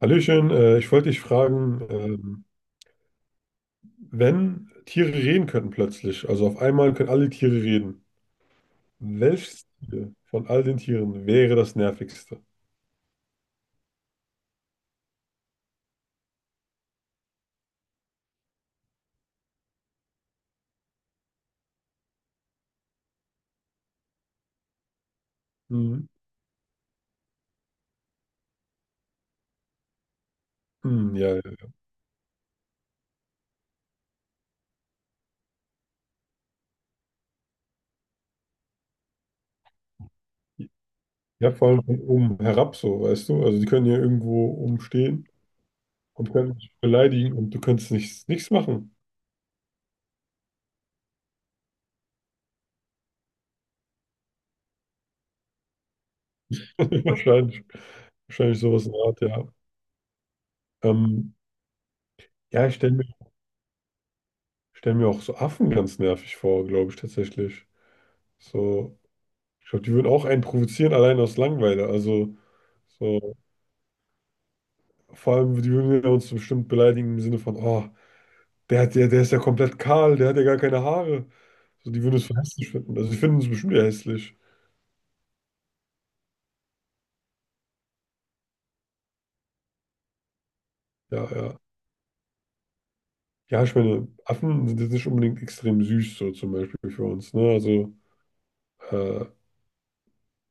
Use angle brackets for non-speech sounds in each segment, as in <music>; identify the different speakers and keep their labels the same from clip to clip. Speaker 1: Hallöchen, ich wollte dich fragen, wenn Tiere reden könnten plötzlich, also auf einmal können alle Tiere reden, welches Tier von all den Tieren wäre das nervigste? Mhm. Hm, ja, ja, ja, vor allem von oben herab so, weißt du? Also die können ja irgendwo umstehen und können dich beleidigen und du könntest nichts machen. <laughs> Wahrscheinlich, wahrscheinlich sowas in der Art, ja. Ähm, ja, stell mir auch so Affen ganz nervig vor, glaube ich tatsächlich. So, ich glaube, die würden auch einen provozieren, allein aus Langeweile. Also, so, vor allem, die würden ja uns bestimmt beleidigen im Sinne von, oh, der ist ja komplett kahl, der hat ja gar keine Haare. So, die würden es für hässlich finden. Also, die finden uns bestimmt ja hässlich. Ja, ja. Ja, ich meine, Affen sind jetzt nicht unbedingt extrem süß, so zum Beispiel für uns, ne? Also, äh,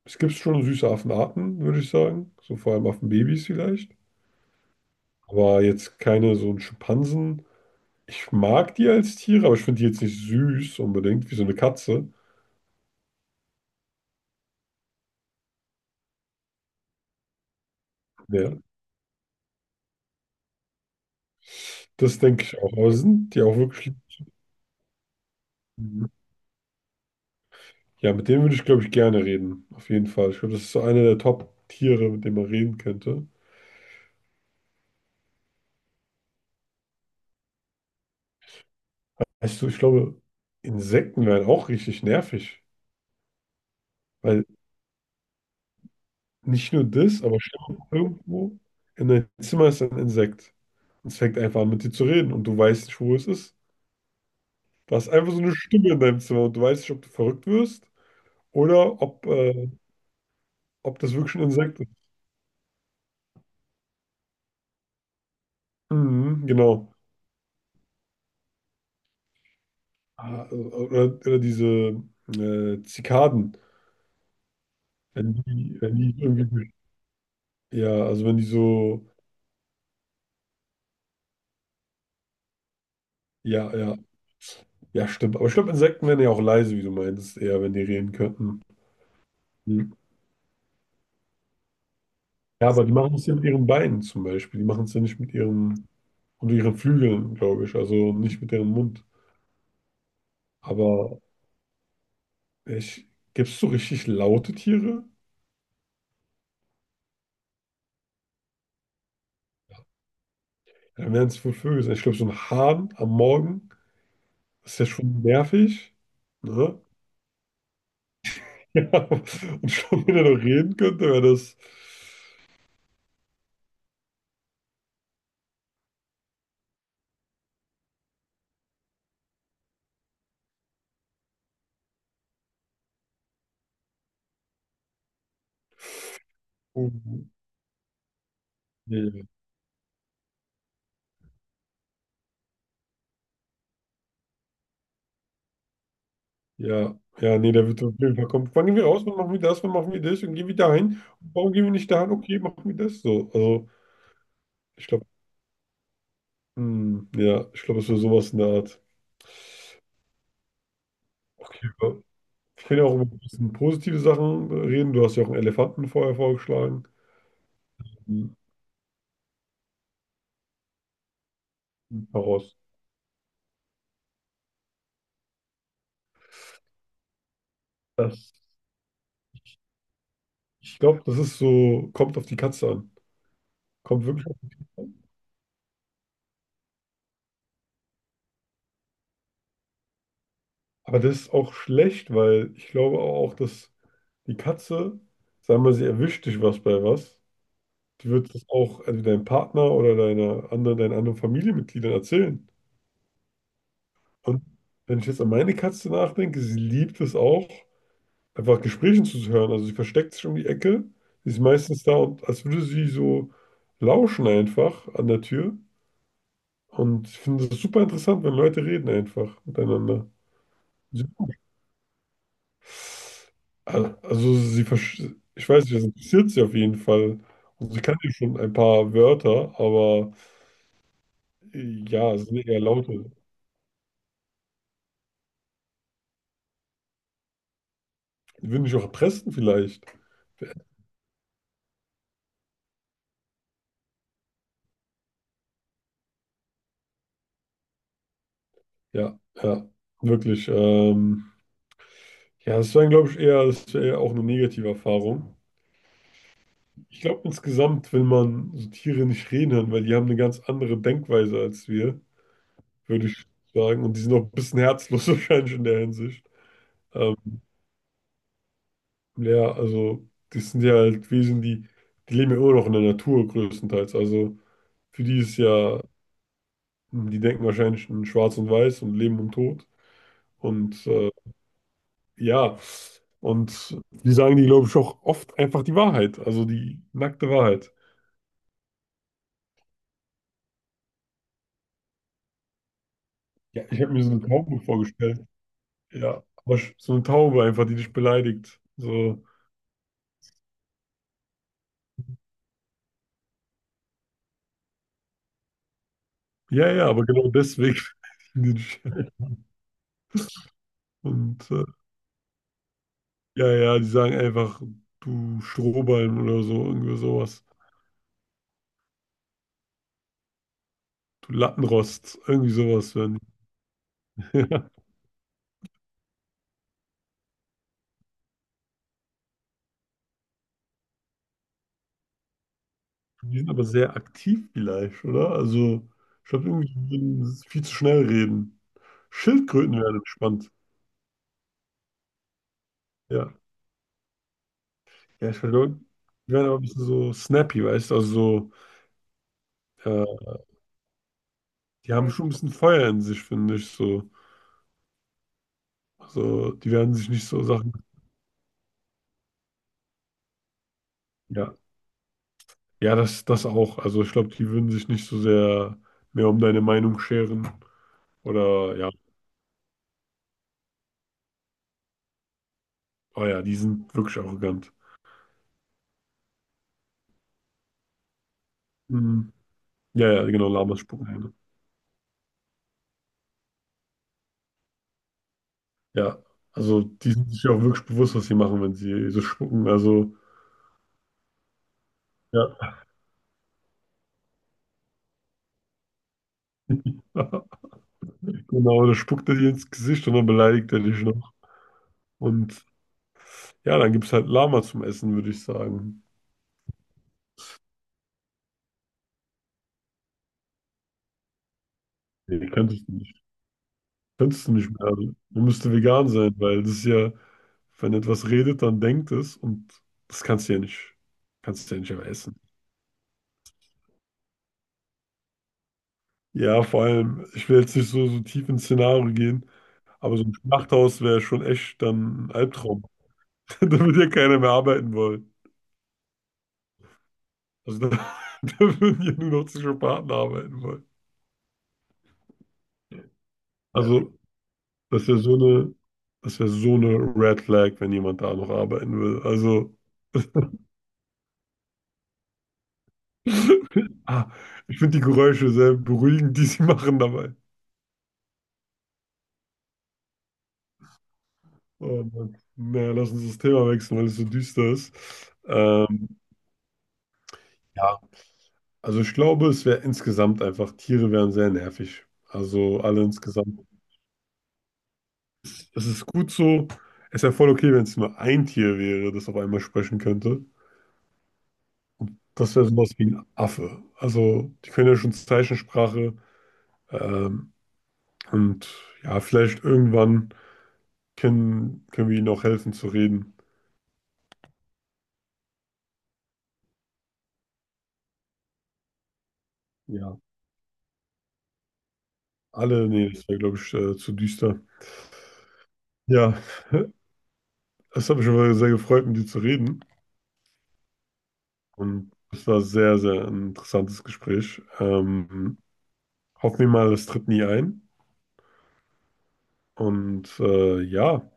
Speaker 1: es gibt schon süße Affenarten, würde ich sagen. So vor allem Affenbabys vielleicht. Aber jetzt keine so einen Schimpansen. Ich mag die als Tiere, aber ich finde die jetzt nicht süß unbedingt, wie so eine Katze. Ja, das denke ich auch. Aber sind die auch wirklich. Ja, mit denen würde ich, glaube ich, gerne reden. Auf jeden Fall. Ich glaube, das ist so einer der Top-Tiere, mit dem man reden könnte. Weißt du, ich glaube, Insekten wären auch richtig nervig. Weil nicht nur das, aber stell dir mal vor, irgendwo in deinem Zimmer ist ein Insekt. Es fängt einfach an, mit dir zu reden und du weißt nicht, wo es ist. Du hast einfach so eine Stimme in deinem Zimmer und du weißt nicht, ob du verrückt wirst oder ob das wirklich ein Insekt ist. Mhm, genau. Ah, oder diese Zikaden, wenn die irgendwie, ja, also wenn die so, ja, ja, ja, stimmt. Aber ich glaube, Insekten wären ja auch leise, wie du meinst, eher, wenn die reden könnten. Mhm. Ja, aber die machen es ja mit ihren Beinen zum Beispiel. Die machen es ja nicht mit ihren, und ihren Flügeln, glaube ich, also nicht mit ihrem Mund. Aber ich, gibt es so richtig laute Tiere? Dann werden es wohl Vögel sein. Ich glaube, so ein Hahn am Morgen ist ja schon nervig. Ne? <laughs> Ja, und schon, wenn er noch reden könnte, wäre das. Oh, nee. Ja, ja, nee, der wird auf jeden Fall kommen. Wann gehen wir raus? Wann machen wir das? Wann machen wir das? Und gehen wir dahin? Warum gehen wir nicht dahin? Okay, machen wir das so. Also, ich glaube, hm, ja, ich glaube, es wäre sowas in der Art. Okay, wir können ja auch über ein bisschen positive Sachen reden. Du hast ja auch einen Elefanten vorher vorgeschlagen. Heraus. Das, ich glaube, das ist so, kommt auf die Katze an. Kommt wirklich auf die Katze an. Aber das ist auch schlecht, weil ich glaube auch, dass die Katze, sagen wir, sie erwischt dich was bei was, die wird das auch also deinem Partner deinen anderen Familienmitgliedern erzählen. Und wenn ich jetzt an meine Katze nachdenke, sie liebt es auch, einfach Gesprächen zuzuhören. Also sie versteckt sich um die Ecke, sie ist meistens da und als würde sie so lauschen einfach an der Tür. Und ich finde es super interessant, wenn Leute reden einfach miteinander. Ja. Ich weiß nicht, das interessiert sie auf jeden Fall. Und sie kann ja schon ein paar Wörter, aber ja, es sind eher laute. Die würden mich auch erpressen vielleicht. Ja, ja, wirklich. Ja, das wäre eher auch eine negative Erfahrung. Ich glaube insgesamt, wenn man so Tiere nicht reden hören, weil die haben eine ganz andere Denkweise als wir. Würde ich sagen. Und die sind auch ein bisschen herzlos <laughs> wahrscheinlich in der Hinsicht. Ähm, ja, also die sind ja halt Wesen, die leben ja immer noch in der Natur größtenteils. Also für die ist ja, die denken wahrscheinlich in Schwarz und Weiß und Leben und Tod. Und ja, und die sagen die, glaube ich, auch oft einfach die Wahrheit, also die nackte Wahrheit. Ja, ich habe mir so eine Taube vorgestellt. Ja, aber sch- so eine Taube einfach, die dich beleidigt. So, ja, ja, aber genau deswegen. <laughs> beleidigen die dich. Und ja, ja, die sagen einfach, du Strohballen oder so, irgendwie sowas. Du Lattenrost, irgendwie sowas. Wenn. Die <laughs> ja. Die sind aber sehr aktiv vielleicht, oder? Also, ich glaube, irgendwie die würden viel zu schnell reden. Schildkröten wären entspannt. Ja. Ja, ich glaube, die wären aber ein bisschen so snappy, weißt du? Also so, die haben schon ein bisschen Feuer in sich, finde ich. So. Also, die werden sich nicht so Sachen. Ja. Das auch. Also ich glaube, die würden sich nicht so sehr mehr um deine Meinung scheren. Oder ja. Oh ja, die sind wirklich arrogant. Mhm. Ja, ja, genau, Lamas spucken Hähne. Ja, also die sind sich auch wirklich bewusst, was sie machen, wenn sie so spucken. Also, ja. <laughs> Genau, da spuckt er dir ins Gesicht und dann beleidigt er dich noch. Und ja, dann gibt es halt Lama zum Essen, würde ich sagen. Nee, könntest du nicht. Könntest du nicht mehr. Also, man müsste vegan sein, weil das ist ja, wenn etwas redet, dann denkt es und das kannst du ja nicht einfach essen. Ja, vor allem, ich will jetzt nicht so tief ins Szenario gehen. Aber so ein Schlachthaus wäre schon echt dann ein Albtraum. <laughs> Da würde ja keiner mehr arbeiten wollen. Also da, <laughs> da würden ja nur noch Psychopathen arbeiten wollen. Ja. Das wäre so eine, das wäre so eine Red Flag, wenn jemand da noch arbeiten will. Also, ah, ich finde die Geräusche sehr beruhigend, die sie <laughs> machen dabei. Oh Mann. Naja, lass uns das Thema wechseln, weil es so düster ist. Ähm, ja, also ich glaube, es wäre insgesamt einfach, Tiere wären sehr nervig. Also alle insgesamt. Ist, das ist gut so. Es wäre voll okay, wenn es nur ein Tier wäre, das auf einmal sprechen könnte. Das wäre sowas wie ein Affe. Also, die können ja schon Zeichensprache. Ähm, und ja, vielleicht irgendwann können wir ihnen auch helfen zu reden. Ja. Alle, nee, das wäre, glaube ich, zu düster. Ja, <laughs> es hat mich aber sehr gefreut, mit dir zu reden. Und es war sehr, sehr ein interessantes Gespräch. Hoffen wir mal, es tritt nie ein. Und ja.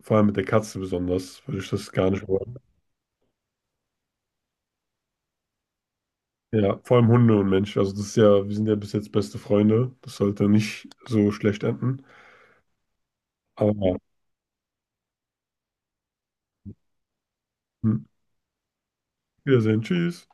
Speaker 1: Vor allem mit der Katze besonders, würde ich das gar nicht wollen. Ja, vor allem Hunde und Mensch. Also das ist ja, wir sind ja bis jetzt beste Freunde. Das sollte nicht so schlecht enden. Aber ja. Hm. Wiedersehen, tschüss.